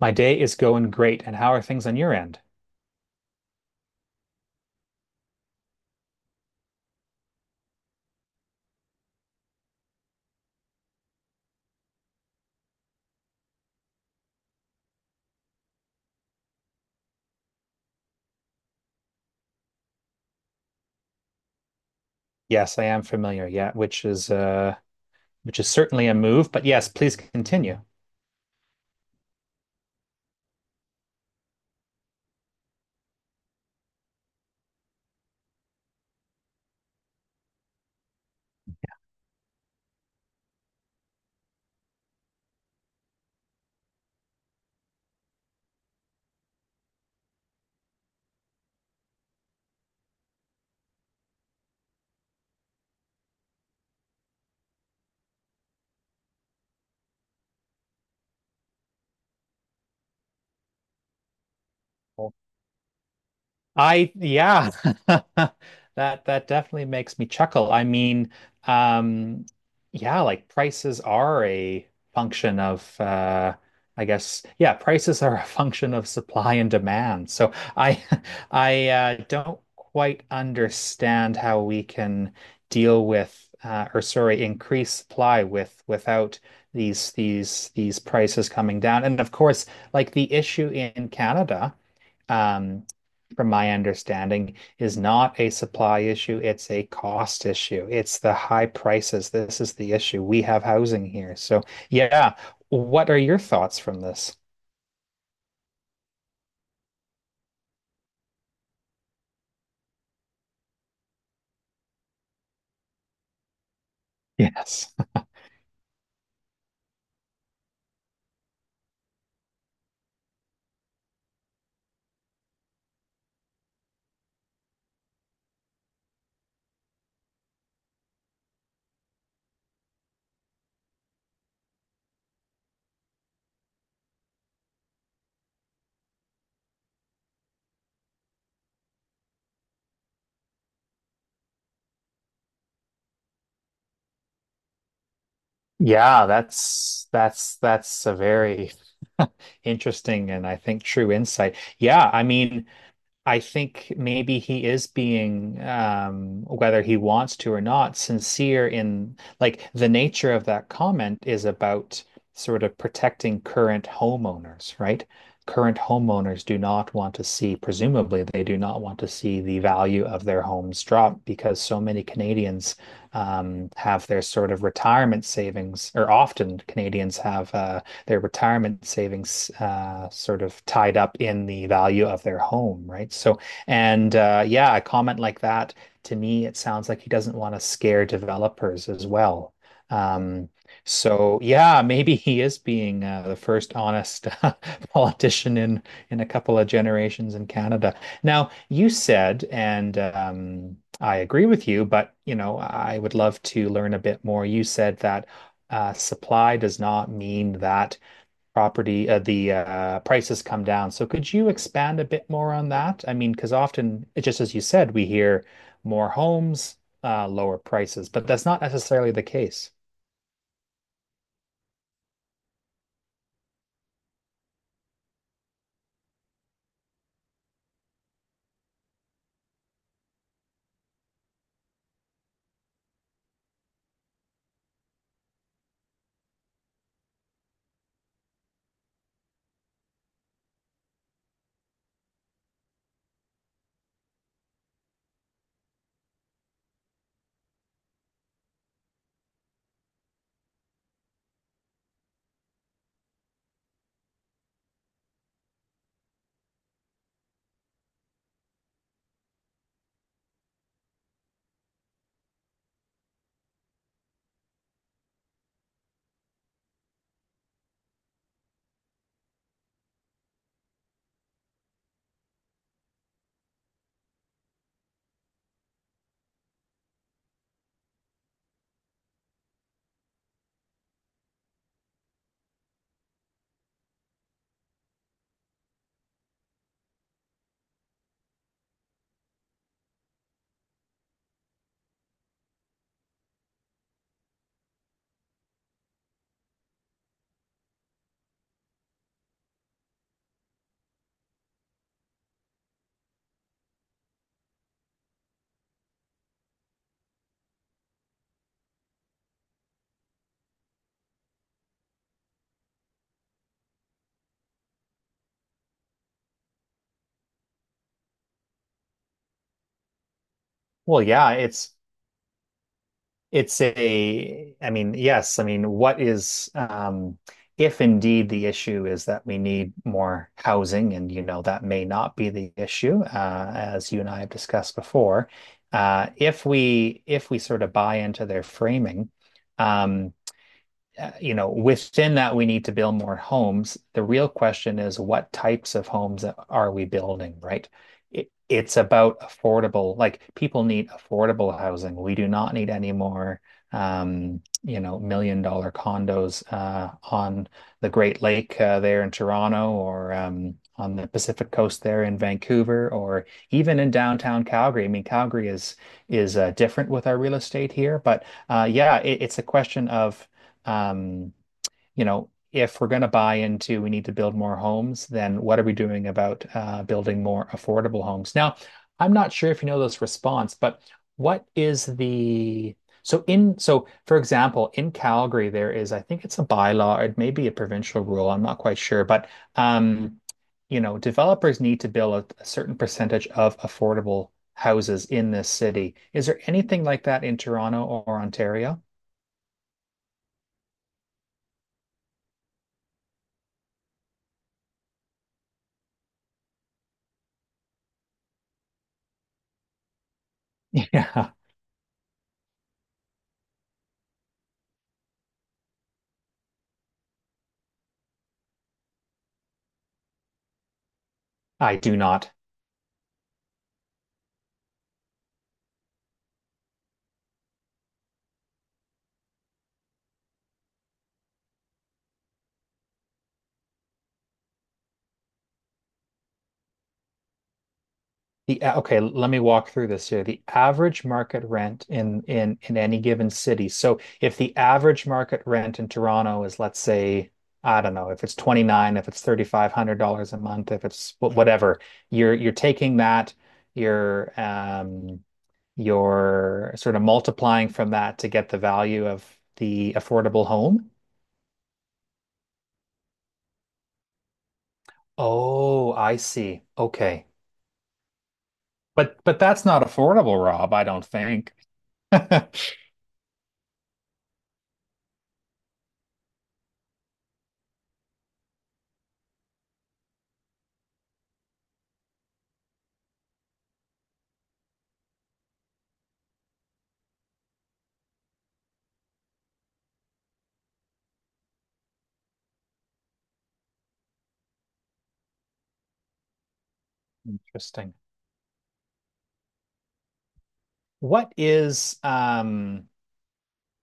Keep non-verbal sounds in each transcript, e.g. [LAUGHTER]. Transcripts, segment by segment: My day is going great, and how are things on your end? Yes, I am familiar. Yeah, which is certainly a move, but yes, please continue. I yeah, [LAUGHS] that that definitely makes me chuckle. I mean, um, yeah, like prices are a function of I guess yeah, prices are a [LAUGHS] function of supply and demand. So I [LAUGHS] I don't quite understand how we can deal with or sorry, increase supply without these prices coming down. And of course, like the issue in Canada. Um, from my understanding, is not a supply issue. It's a cost issue. It's the high prices. This is the issue. We have housing here. So, yeah. What are your thoughts from this? Yes. Yeah, that's a very [LAUGHS] interesting and I think true insight. Yeah, I mean, I think maybe he is being, whether he wants to or not, sincere in like the nature of that comment is about sort of protecting current homeowners, right? Current homeowners do not want to see, presumably, they do not want to see the value of their homes drop because so many Canadians have their sort of retirement savings, or often Canadians have their retirement savings sort of tied up in the value of their home, right? So, and yeah, a comment like that to me, it sounds like he doesn't want to scare developers as well. Um, so yeah, maybe he is being the first honest [LAUGHS] politician in a couple of generations in Canada. Now, you said, and I agree with you, but I would love to learn a bit more. You said that supply does not mean that property, the prices come down. So could you expand a bit more on that? I mean, because often, just as you said, we hear more homes, lower prices, but that's not necessarily the case. Well, yeah, it's a, I mean, yes, I mean, what is if indeed the issue is that we need more housing, and you know that may not be the issue, as you and I have discussed before. If we if we sort of buy into their framing, um, within that, we need to build more homes. The real question is what types of homes are we building, right? It's about affordable, like people need affordable housing. We do not need any more, million dollar condos on the Great Lake there in Toronto or on the Pacific Coast there in Vancouver or even in downtown Calgary. I mean, Calgary is different with our real estate here, but yeah, it's a question of um, if we're going to buy into we need to build more homes, then what are we doing about building more affordable homes? Now, I'm not sure if you know this response, but what is the so in so for example, in Calgary there is, I think, it's a bylaw, or it may be a provincial rule, I'm not quite sure, but um, developers need to build a certain percentage of affordable houses in this city. Is there anything like that in Toronto or Ontario? [LAUGHS] Yeah, I do not. Okay, let me walk through this here. The average market rent in any given city. So if the average market rent in Toronto is, let's say, I don't know, if it's 29, if it's $3,500 a month, if it's whatever, you're taking that, you're um you're sort of multiplying from that to get the value of the affordable home. Oh, I see. Okay. But that's not affordable, Rob, I don't think. [LAUGHS] Interesting. What is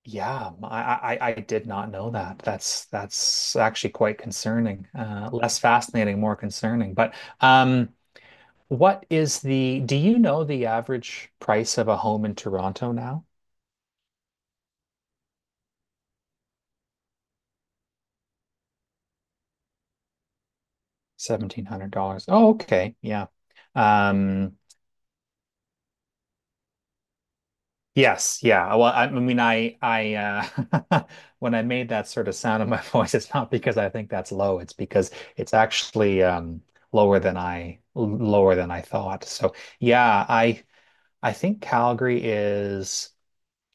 yeah, I did not know that. That's actually quite concerning. Less fascinating, more concerning. But um what is the do you know the average price of a home in Toronto now? $1,700. Oh, okay. Yeah. Um Yes, yeah. Well, I mean, uh, [LAUGHS] when I made that sort of sound in my [LAUGHS] voice, it's not because I think that's low. It's because it's actually lower than I thought. So yeah, I think Calgary is,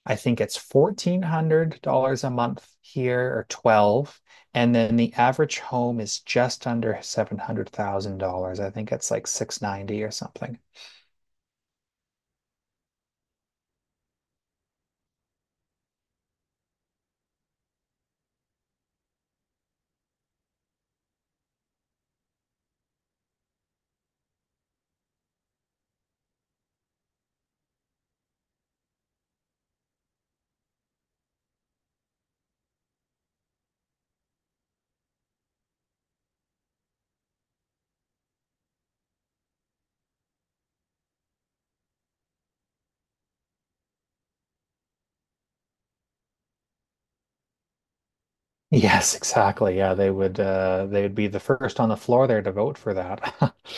I think it's $1,400 a month here or 12, and then the average home is just under $700,000. I think it's like 690 or something. Yes, exactly. Yeah, they would be the first on the floor there to vote for that. [LAUGHS]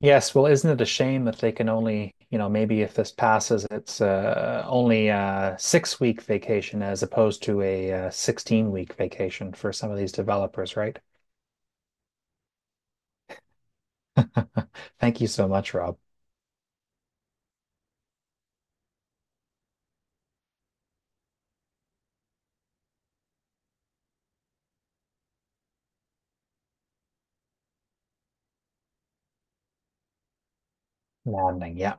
Yes, well, isn't it a shame that they can only, maybe if this passes, it's only a 6-week vacation as opposed to a 16-week vacation for some of these developers, right? [LAUGHS] Thank you so much, Rob. Maddening. Yeah.